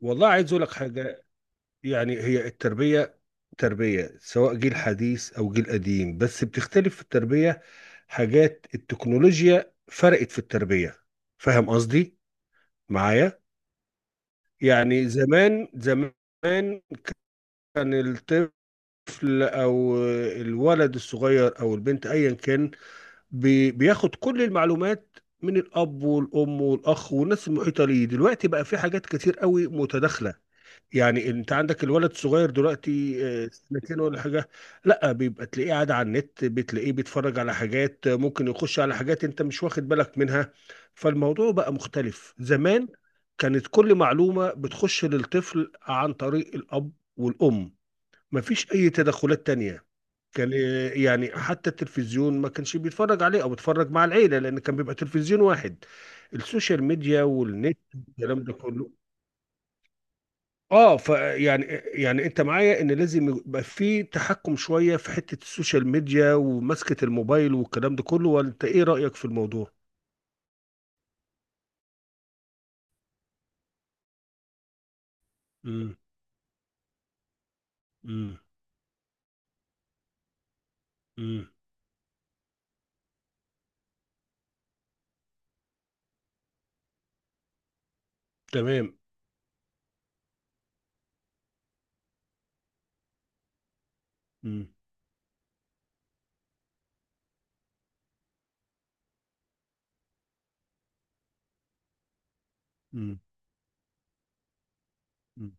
والله عايز اقول لك حاجه. يعني هي التربيه تربيه سواء جيل حديث او جيل قديم، بس بتختلف في التربيه. حاجات التكنولوجيا فرقت في التربيه. فاهم قصدي؟ معايا؟ يعني زمان زمان كان الطفل او الولد الصغير او البنت ايا كان بياخد كل المعلومات من الاب والام والاخ والناس المحيطه ليه. دلوقتي بقى في حاجات كتير قوي متداخله. يعني انت عندك الولد الصغير دلوقتي، سنتين ولا حاجه، لا بيبقى تلاقيه قاعد على النت، بتلاقيه بيتفرج على حاجات، ممكن يخش على حاجات انت مش واخد بالك منها. فالموضوع بقى مختلف. زمان كانت كل معلومه بتخش للطفل عن طريق الاب والام، مفيش اي تدخلات تانية. كان، يعني حتى التلفزيون ما كانش بيتفرج عليه او بيتفرج مع العيله، لان كان بيبقى تلفزيون واحد. السوشيال ميديا والنت الكلام ده كله. اه، فيعني انت معايا ان لازم يبقى في تحكم شويه في حته السوشيال ميديا ومسكه الموبايل والكلام ده كله، وانت ايه رايك في الموضوع؟ امم. امم. امم. تمام. امم. امم. أمم.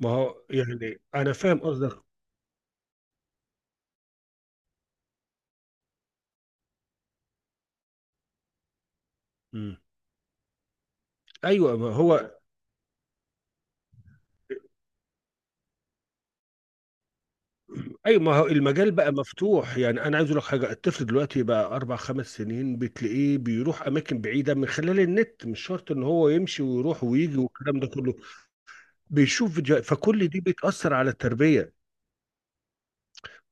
ما هو يعني انا فاهم قصدك. امم. ايوه ما هو. اي، ما هو المجال بقى مفتوح. يعني انا عايز اقول لك حاجه، الطفل دلوقتي بقى اربع خمس سنين بتلاقيه بيروح اماكن بعيده من خلال النت، مش شرط ان هو يمشي ويروح ويجي والكلام ده كله. بيشوف فيديوهات، فكل دي بتأثر على التربية.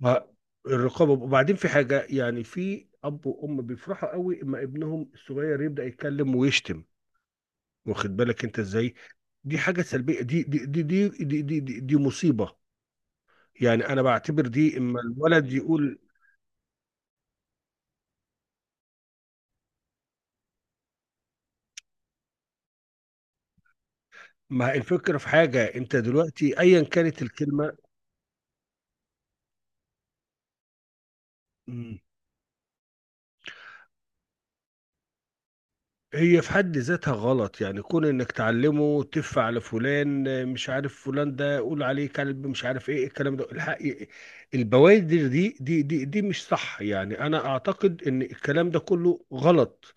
ما- الرقابة، وبعدين في حاجة، يعني في أب وأم بيفرحوا قوي اما ابنهم الصغير يبدأ يتكلم ويشتم. واخد بالك أنت إزاي؟ دي حاجة سلبية. دي مصيبة. يعني أنا بعتبر دي اما الولد يقول، ما الفكرة في حاجة، أنت دلوقتي أيا كانت الكلمة هي في حد ذاتها غلط. يعني كون انك تعلمه تف على فلان، مش عارف فلان ده قول عليه كلب، مش عارف ايه الكلام ده، الحق البوادر دي مش صح. يعني انا اعتقد ان الكلام ده كله غلط،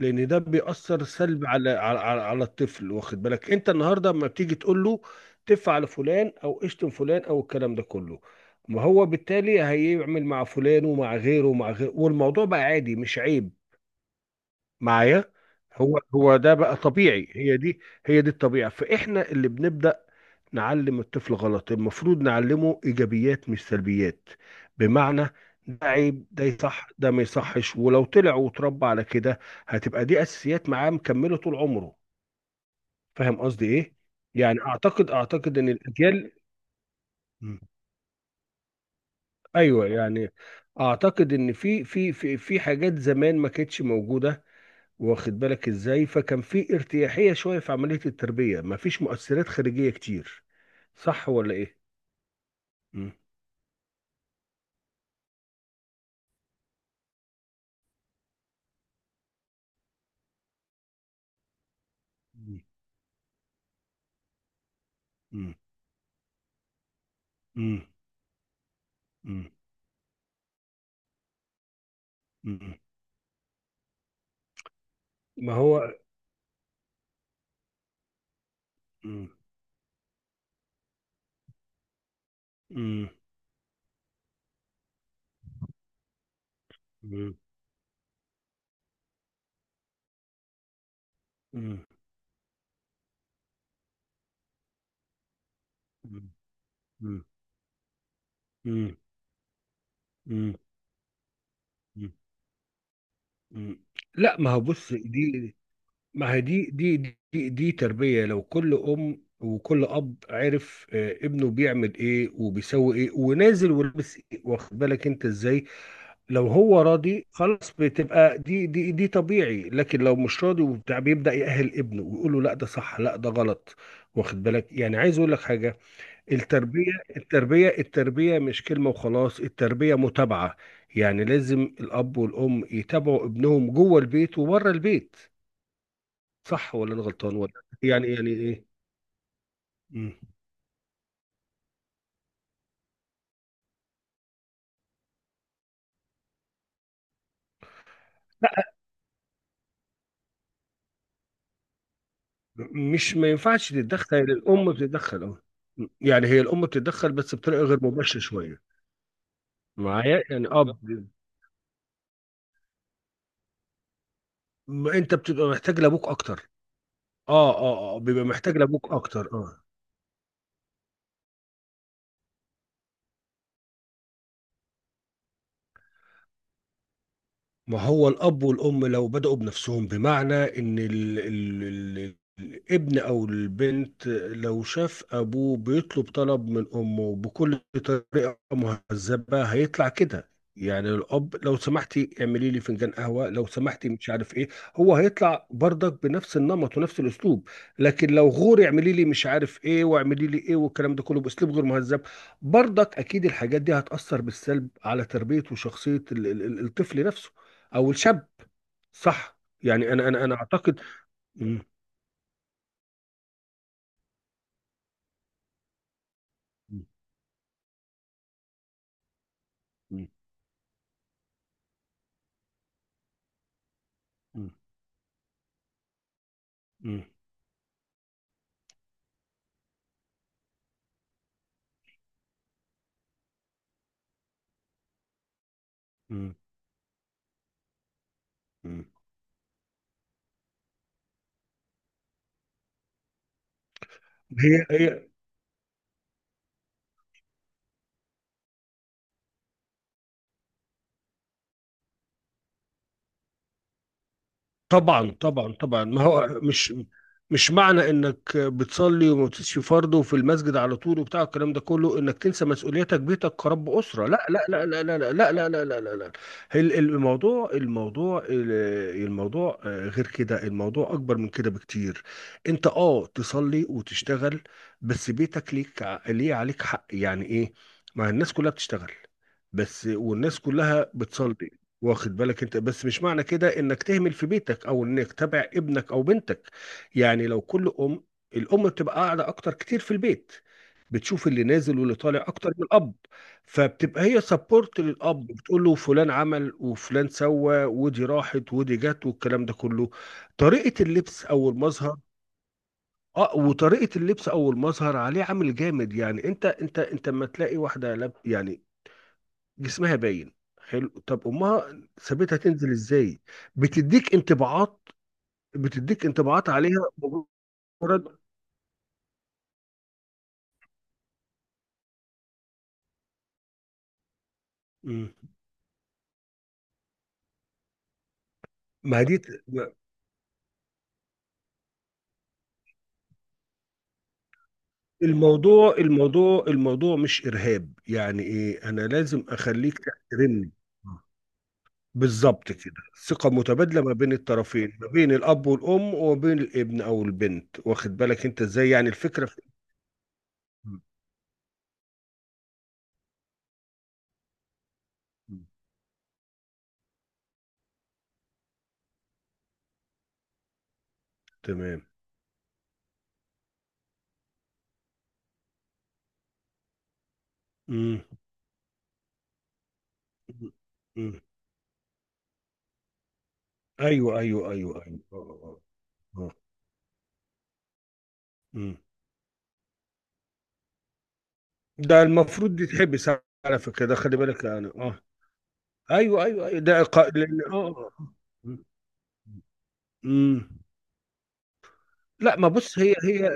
لان ده بيأثر سلب على الطفل. واخد بالك انت؟ النهارده لما بتيجي تقول له تف على فلان او اشتم فلان او الكلام ده كله، ما هو بالتالي هيعمل مع فلان ومع غيره ومع غيره، والموضوع بقى عادي مش عيب. معايا؟ هو ده بقى طبيعي، هي دي الطبيعة، فإحنا اللي بنبدأ نعلم الطفل غلط. المفروض نعلمه إيجابيات مش سلبيات. بمعنى ده عيب، ده يصح، ده ما يصحش. ولو طلع وتربى على كده هتبقى دي أساسيات معاه مكملة طول عمره. فاهم قصدي إيه؟ يعني أعتقد إن الأجيال. مم. أيوه يعني أعتقد إن في حاجات زمان ما كانتش موجودة. واخد بالك ازاي؟ فكان في ارتياحية شوية في عملية التربية، مفيش مؤثرات خارجية كتير. صح ولا ايه؟ مم. مم. مم. مم. مم. مم. ما هو. مم. مم. مم. مم. مم. مم. مم. مم. مم. لا، ما هو بص، دي ما هي دي دي دي تربية. لو كل أم وكل أب عرف، ابنه بيعمل إيه وبيسوي إيه ونازل ولابس إيه، واخد بالك أنت إزاي؟ لو هو راضي خلاص بتبقى دي طبيعي، لكن لو مش راضي وبتاع بيبدأ يأهل ابنه ويقول له لا ده صح لا ده غلط. واخد بالك؟ يعني عايز اقول لك حاجة، التربية التربية مش كلمة وخلاص، التربية متابعة. يعني لازم الأب والأم يتابعوا ابنهم جوه البيت وبره البيت. صح ولا انا غلطان ولا؟ يعني يعني ايه؟ مم. مش، ما ينفعش تتدخل؟ يعني الأم بتتدخل، اه، يعني هي الأم بتتدخل بس بطريقة غير مباشرة شوية. معايا؟ يعني اه، ما انت بتبقى محتاج لابوك اكتر. اه اه اه بيبقى محتاج لابوك اكتر اه. ما هو الأب والأم لو بدأوا بنفسهم بمعنى إن ال ال ال الابن أو البنت لو شاف أبوه بيطلب طلب من أمه بكل طريقة مهذبة هيطلع كده. يعني الأب لو سمحتي اعملي لي فنجان قهوة، لو سمحتي مش عارف إيه، هو هيطلع برضك بنفس النمط ونفس الأسلوب. لكن لو غوري اعملي لي مش عارف إيه واعملي لي إيه والكلام ده كله بأسلوب غير مهذب، برضك أكيد الحاجات دي هتأثر بالسلب على تربية وشخصية الطفل نفسه او الشاب. صح؟ يعني انا اعتقد. مم. مم. مم. مم. مم. مم. هي هي. طبعا طبعا طبعا. ما هو مش، مش معنى انك بتصلي وما بتسيش فرض وفي المسجد على طول وبتاع الكلام ده كله انك تنسى مسؤوليتك بيتك كرب اسره. لا لا لا لا لا لا لا لا لا لا لا لا. الموضوع الموضوع الموضوع، غير كده، الموضوع اكبر من كده بكتير. انت اه تصلي وتشتغل، بس بيتك ليك ليه عليك حق. يعني ايه؟ ما الناس كلها بتشتغل بس والناس كلها بتصلي. واخد بالك انت؟ بس مش معنى كده انك تهمل في بيتك، او انك تبع ابنك او بنتك. يعني لو كل ام، الام بتبقى قاعده اكتر كتير في البيت، بتشوف اللي نازل واللي طالع اكتر من الاب، فبتبقى هي سبورت للاب بتقول له فلان عمل وفلان سوى ودي راحت ودي جت والكلام ده كله. طريقه اللبس او المظهر، اه وطريقه اللبس او المظهر عليه عامل جامد. يعني انت انت انت لما تلاقي واحده لاب، يعني جسمها باين، حلو طب امها سابتها تنزل ازاي؟ بتديك انطباعات. بتديك انطباعات عليها مجرد. مم. ما دي. ما- الموضوع الموضوع الموضوع مش ارهاب، يعني ايه انا لازم اخليك تحترمني. بالظبط كده. ثقة متبادلة ما بين الطرفين، ما بين الأب والأم وما بين الابن أو البنت. واخد بالك أنت إزاي؟ يعني الفكرة في. مم. مم. تمام. مم. مم. مم. أيوه أيوه أيوه أيوه، آه، آه. آه. آه. مم. ده المفروض يتحبس. على فكرة ده خلي بالك يعني، اه. ايوه ايوه ايوه، ده إلقاء، لان اه. آه. مم. لا ما بص، هي هي.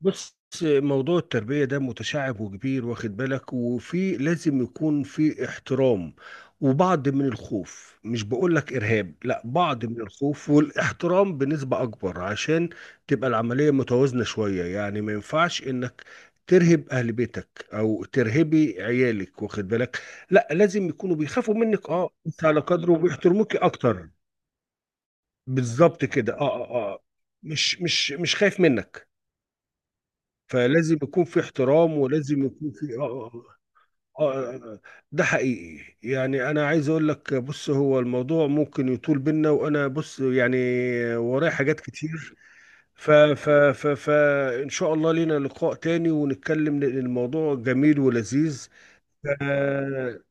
بص، موضوع التربية ده متشعب وكبير، واخد بالك؟ وفي لازم يكون في احترام وبعض من الخوف. مش بقول لك إرهاب، لا، بعض من الخوف والاحترام بنسبة أكبر عشان تبقى العملية متوازنة شوية. يعني ما ينفعش إنك ترهب أهل بيتك أو ترهبي عيالك، واخد بالك؟ لا، لازم يكونوا بيخافوا منك، أه، أنت على قدر، وبيحترموك أكتر. بالظبط كده، أه أه أه. مش خايف منك، فلازم يكون في احترام ولازم يكون في آه آه آه. ده حقيقي. يعني انا عايز اقول لك، بص هو الموضوع ممكن يطول بينا، وانا بص، يعني ورايا حاجات كتير. ف ف ف ف ان شاء الله لينا لقاء تاني ونتكلم، لأن الموضوع جميل ولذيذ.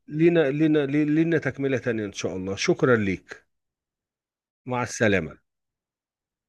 لينا تكملة تانية ان شاء الله. شكرا ليك. مع السلامة.